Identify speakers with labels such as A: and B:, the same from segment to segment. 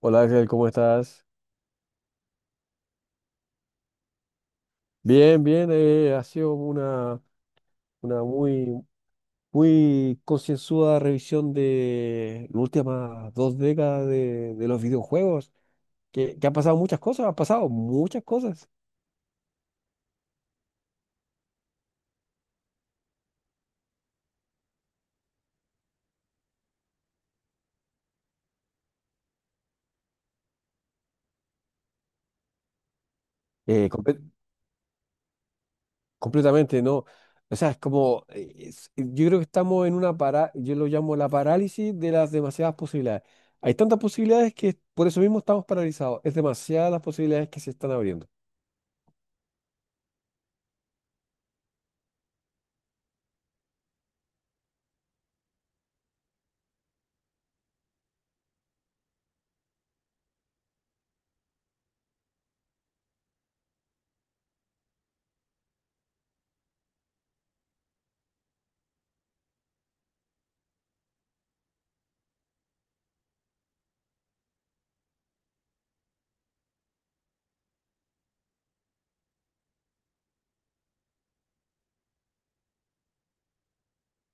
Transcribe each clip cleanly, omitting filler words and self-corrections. A: Hola Axel, ¿cómo estás? Bien, bien, ha sido una muy, muy concienzuda revisión de las últimas dos décadas de los videojuegos, que han pasado muchas cosas, han pasado muchas cosas, eh, comple- completamente, ¿no? O sea, es como, yo creo que estamos en una yo lo llamo la parálisis de las demasiadas posibilidades. Hay tantas posibilidades que por eso mismo estamos paralizados, es demasiadas las posibilidades que se están abriendo.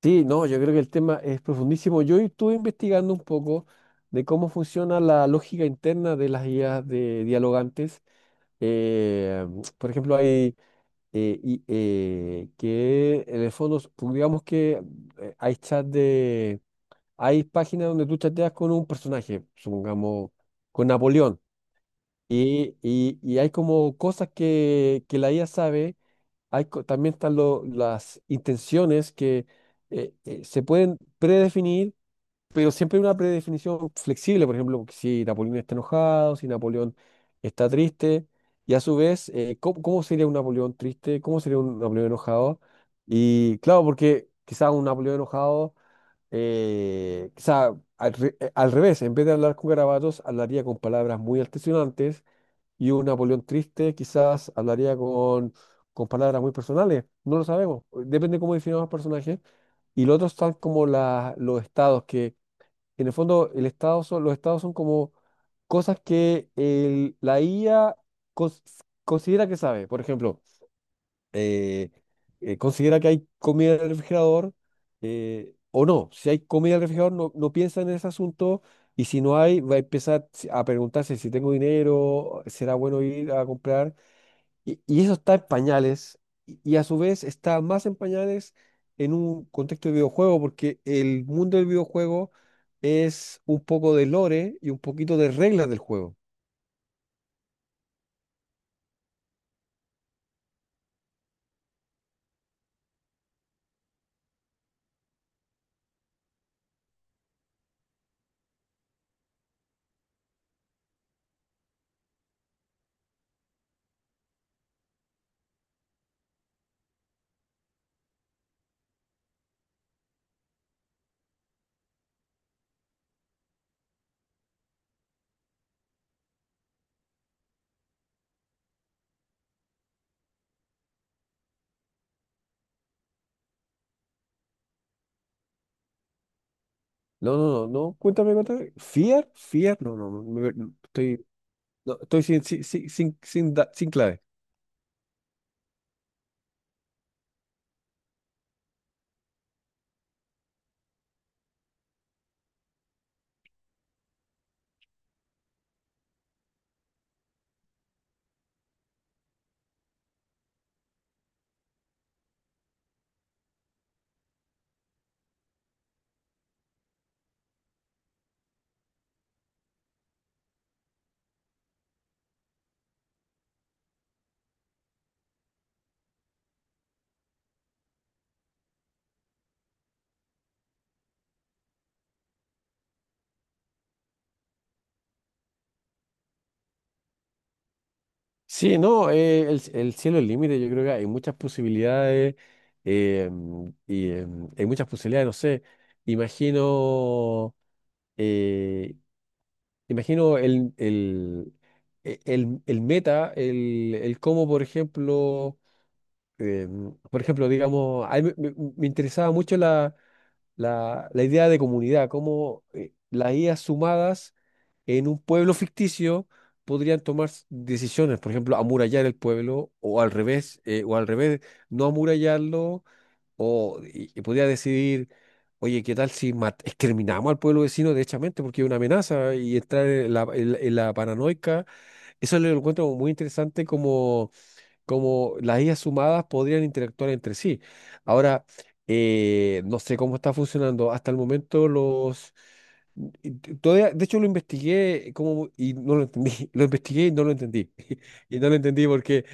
A: Sí, no, yo creo que el tema es profundísimo. Yo estuve investigando un poco de cómo funciona la lógica interna de las guías de dialogantes. Eh, por ejemplo, que en el fondo, pues, digamos que eh, hay chat de, hay páginas donde tú chateas con un personaje, supongamos con Napoleón, y hay como cosas que la IA sabe. También están las intenciones que se pueden predefinir, pero siempre hay una predefinición flexible. Por ejemplo, si Napoleón está enojado, si Napoleón está triste, y a su vez, ¿cómo, cómo sería un Napoleón triste? ¿Cómo sería un Napoleón enojado? Y claro, porque quizás un Napoleón enojado, al revés, en vez de hablar con garabatos, hablaría con palabras muy altisonantes y un Napoleón triste quizás hablaría con palabras muy personales, no lo sabemos, depende cómo definamos el personaje. Y los otros están como los estados, que en el fondo el estado son, los estados son como cosas que la IA cons- considera que sabe. Por ejemplo, eh, considera que hay comida en el refrigerador o no. Si hay comida en el refrigerador, no, no piensa en ese asunto y si no hay, va a empezar a preguntarse si tengo dinero, será bueno ir a comprar. Y eso está en pañales y a su vez está más en pañales en un contexto de videojuego porque el mundo del videojuego es un poco de lore y un poquito de reglas del juego. No, no, no, no, cuéntame, cuéntame. ¿Fear? ¿Fear? Estoy No, estoy sin, sin, sin, sin, sin clave. Sí, no, el cielo es el límite, yo creo que hay muchas posibilidades hay muchas posibilidades, no sé, imagino, eh, imagino el meta, el cómo, eh, por ejemplo, digamos, a mí me interesaba mucho la idea de comunidad, cómo las ideas sumadas en un pueblo ficticio podrían tomar decisiones, por ejemplo, amurallar el pueblo o al revés, no amurallarlo, o y podría decidir, oye, ¿qué tal si exterminamos al pueblo vecino derechamente porque es una amenaza y entrar en en la paranoica? Eso lo encuentro muy interesante como como las IAs sumadas podrían interactuar entre sí. Ahora, no sé cómo está funcionando. Hasta el momento los... Todavía, de hecho, lo investigué y no lo entendí. Lo investigué y no lo entendí. Y no lo entendí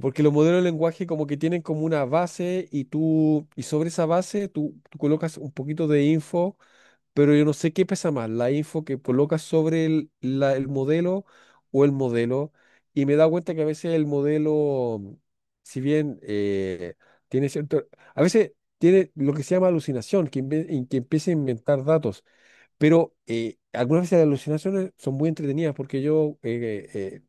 A: porque los modelos de lenguaje como que tienen como una base y tú, y sobre esa base tú colocas un poquito de info pero yo no sé qué pesa más, la info que colocas sobre el modelo o el modelo, y me he dado cuenta que a veces el modelo, si bien tiene cierto, a veces tiene lo que se llama alucinación, en que empieza a inventar datos, pero algunas veces las alucinaciones son muy entretenidas porque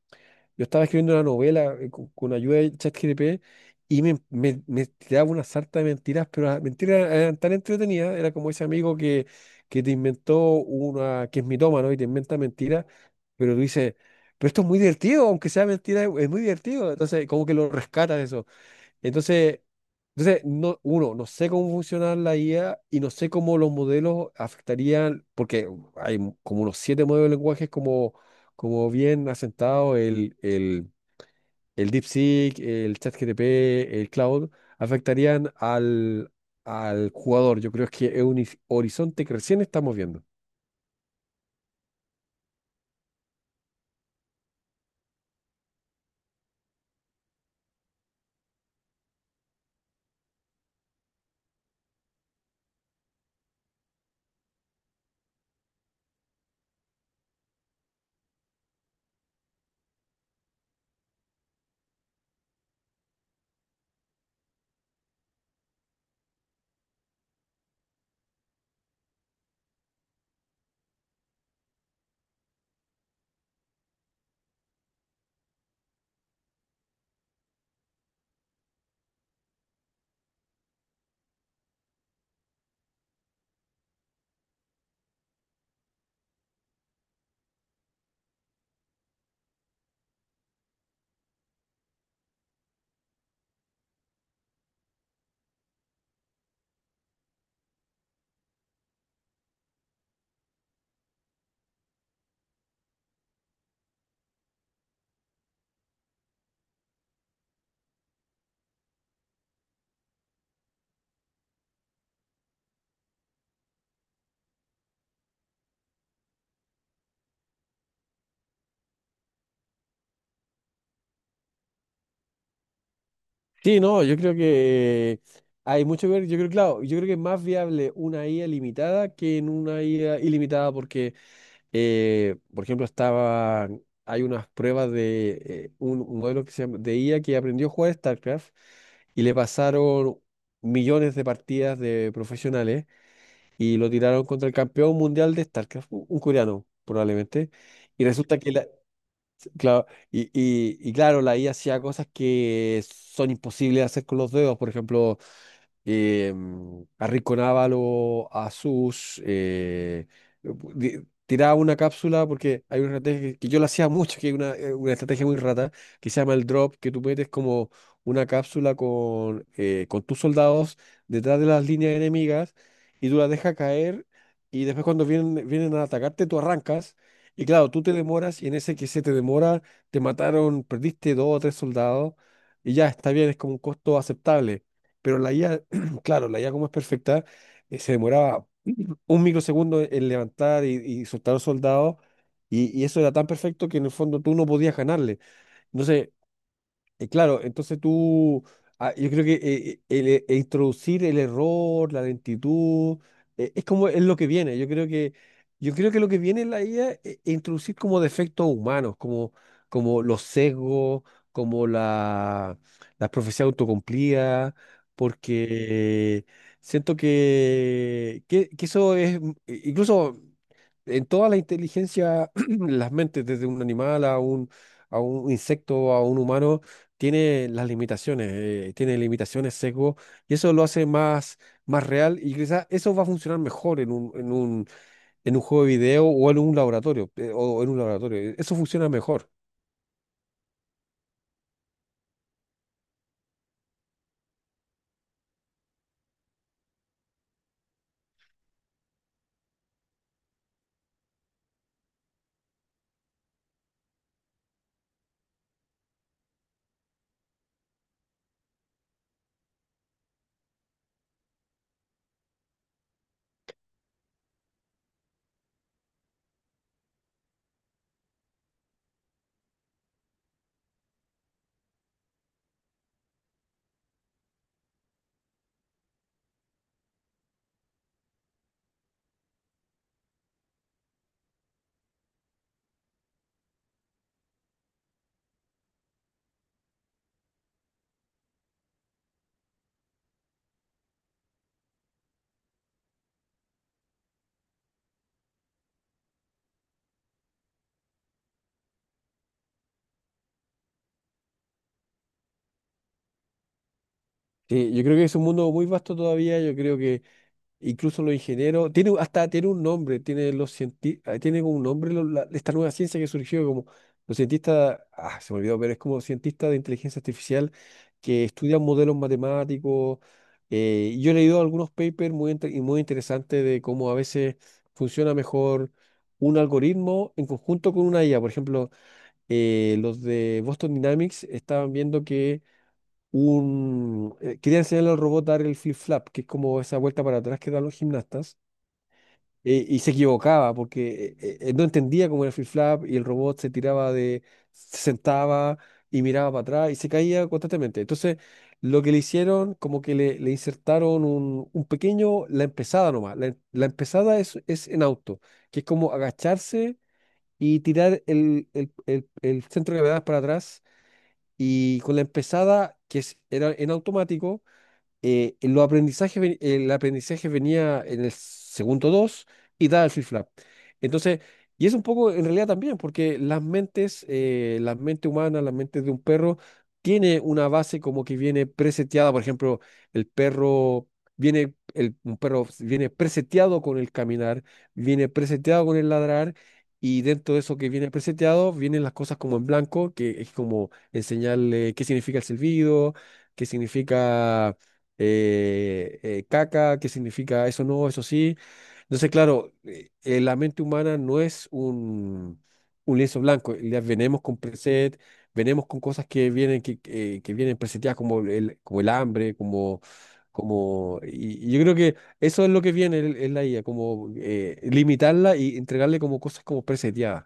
A: yo estaba escribiendo una novela con ayuda de ChatGPT y me tiraba una sarta de mentiras, pero las mentiras eran tan entretenidas, era como ese amigo que te inventó una, que es mitómano y te inventa mentiras, pero tú dices, pero esto es muy divertido, aunque sea mentira, es muy divertido. Entonces, como que lo rescatas eso. Entonces, entonces no, uno, no sé cómo funciona la IA y no sé cómo los modelos afectarían, porque como unos siete modelos de lenguajes como, como bien asentados, el DeepSeek, el ChatGPT, el Cloud, afectarían al jugador. Yo creo que es un horizonte que recién estamos viendo. Sí, no, yo creo que hay mucho que ver. Yo creo, claro, yo creo que es más viable una IA limitada que en una IA ilimitada, porque por ejemplo, estaba, hay unas pruebas de un modelo que se llama, de IA que aprendió a jugar StarCraft y le pasaron millones de partidas de profesionales y lo tiraron contra el campeón mundial de StarCraft, un coreano probablemente. Y resulta claro, y claro, la IA hacía cosas que son imposibles de hacer con los dedos, por ejemplo, eh, a Rico Návalo a Sus, tiraba una cápsula porque hay una estrategia que yo la hacía mucho, que es una estrategia muy rata, que se llama el drop, que tú metes como una cápsula con tus soldados detrás de las líneas enemigas y tú las dejas caer y después cuando vienen, vienen a atacarte tú arrancas. Y claro, tú te demoras y en ese que se te demora, te mataron, perdiste dos o tres soldados y ya está bien, es como un costo aceptable pero la IA claro, la IA como es perfecta, se demoraba un microsegundo en levantar y soltar a los soldados, y eso era tan perfecto que en el fondo tú no podías ganarle. Entonces, claro, entonces tú, yo creo que el, e introducir el error, la lentitud, es como es lo que viene. Yo creo yo creo que lo que viene en la IA es introducir como defectos humanos, como, como los sesgos, como la profecía autocumplida, porque siento que eso es, incluso en toda la inteligencia, las mentes, desde un animal a un insecto, a un humano, tiene las limitaciones, tiene limitaciones, sesgo, y eso lo hace más, más real y quizás eso va a funcionar mejor en un, en un, en un juego de video o en un laboratorio, eso funciona mejor. Sí, yo creo que es un mundo muy vasto todavía. Yo creo que incluso los ingenieros, hasta tiene un nombre, tiene los tiene como un nombre esta nueva ciencia que surgió como los cientistas, ah, se me olvidó, pero es como cientistas de inteligencia artificial que estudian modelos matemáticos. Y yo he leído algunos papers muy, y muy interesantes de cómo a veces funciona mejor un algoritmo en conjunto con una IA. Por ejemplo, los de Boston Dynamics estaban viendo que un... quería enseñarle al robot a dar el flip-flap, que es como esa vuelta para atrás que dan los gimnastas, y se equivocaba porque no entendía cómo era el flip-flap y el robot se tiraba de... se sentaba y miraba para atrás y se caía constantemente. Entonces, lo que le hicieron, como que le insertaron un pequeño... la empezada nomás. La empezada es en auto, que es como agacharse y tirar el centro de gravedad para atrás. Y con la empezada, era en automático, el aprendizaje venía en el segundo 2 y da el flip-flap. Entonces, y es un poco en realidad también, porque las mentes, la mente humana, la mente de un perro, tiene una base como que viene preseteada. Por ejemplo, el perro un perro viene preseteado con el caminar, viene preseteado con el ladrar. Y dentro de eso que viene preseteado, vienen las cosas como en blanco, que es como enseñarle qué significa el silbido, qué significa caca, qué significa eso no, eso sí. Entonces, claro, la mente humana no es un lienzo blanco. Ya venimos con preset, venimos con cosas que vienen, que vienen preseteadas como el hambre, como, como... Y, y yo creo que eso es lo que viene en la IA, como limitarla y entregarle como cosas como preseteadas.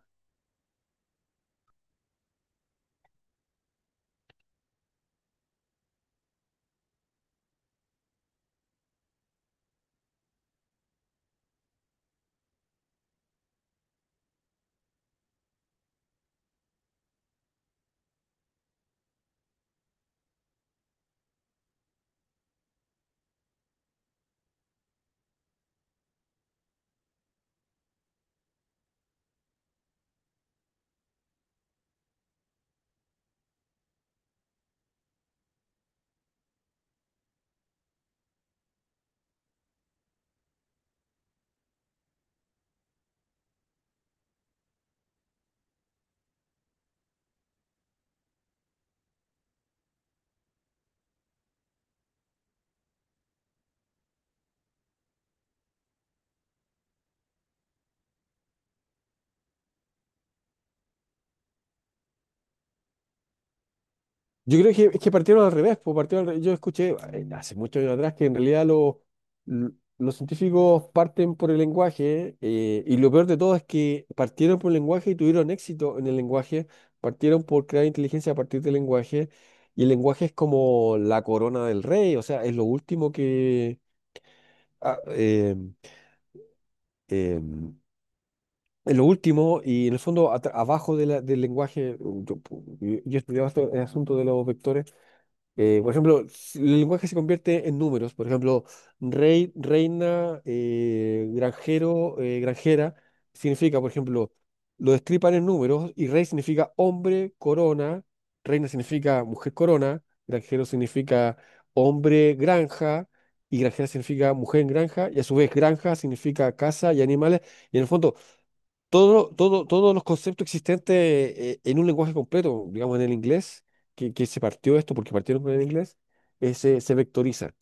A: Yo creo que es que partieron al revés, pues yo escuché hace muchos años atrás que en realidad l- los científicos parten por el lenguaje y lo peor de todo es que partieron por el lenguaje y tuvieron éxito en el lenguaje, partieron por crear inteligencia a partir del lenguaje y el lenguaje es como la corona del rey, o sea, es lo último que... ah, eh, eh, es lo último y en el fondo abajo de del lenguaje, yo estudiaba el asunto de los vectores. Por ejemplo, si el lenguaje se convierte en números, por ejemplo, rey, reina, granjero, granjera, significa, por ejemplo, lo destripan en números y rey significa hombre, corona, reina significa mujer corona, granjero significa hombre, granja, y granjera significa mujer en granja, y a su vez granja significa casa y animales, y en el fondo todos los conceptos existentes en un lenguaje completo, digamos en el inglés, que se partió esto porque partieron con el inglés, se vectoriza.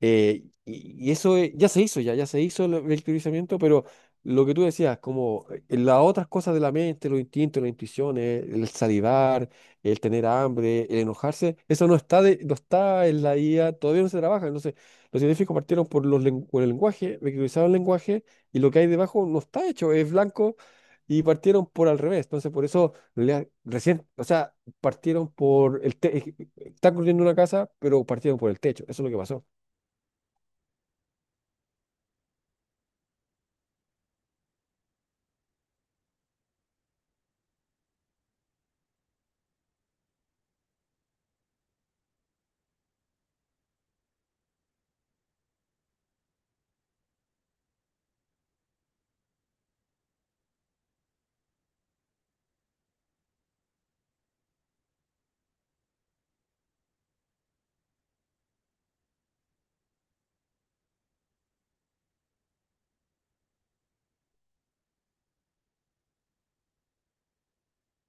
A: Y eso ya se hizo, ya se hizo el teorizamiento, pero lo que tú decías, como las otras cosas de la mente, los instintos, las intuiciones, el salivar, el tener hambre, el enojarse, eso no está, no está en la IA, todavía no se trabaja. Entonces, los científicos partieron por, por el lenguaje, reutilizaron el lenguaje y lo que hay debajo no está hecho, es blanco y partieron por al revés. Entonces, por eso, en realidad, recién, o sea, partieron por el techo, están construyendo una casa, pero partieron por el techo, eso es lo que pasó.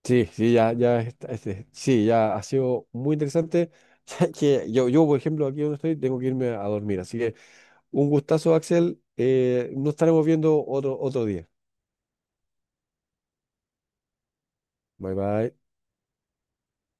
A: Sí, sí, sí, ya ha sido muy interesante. Ya que yo, por ejemplo, aquí donde estoy, tengo que irme a dormir. Así que un gustazo, Axel. Nos estaremos viendo otro día. Bye, bye.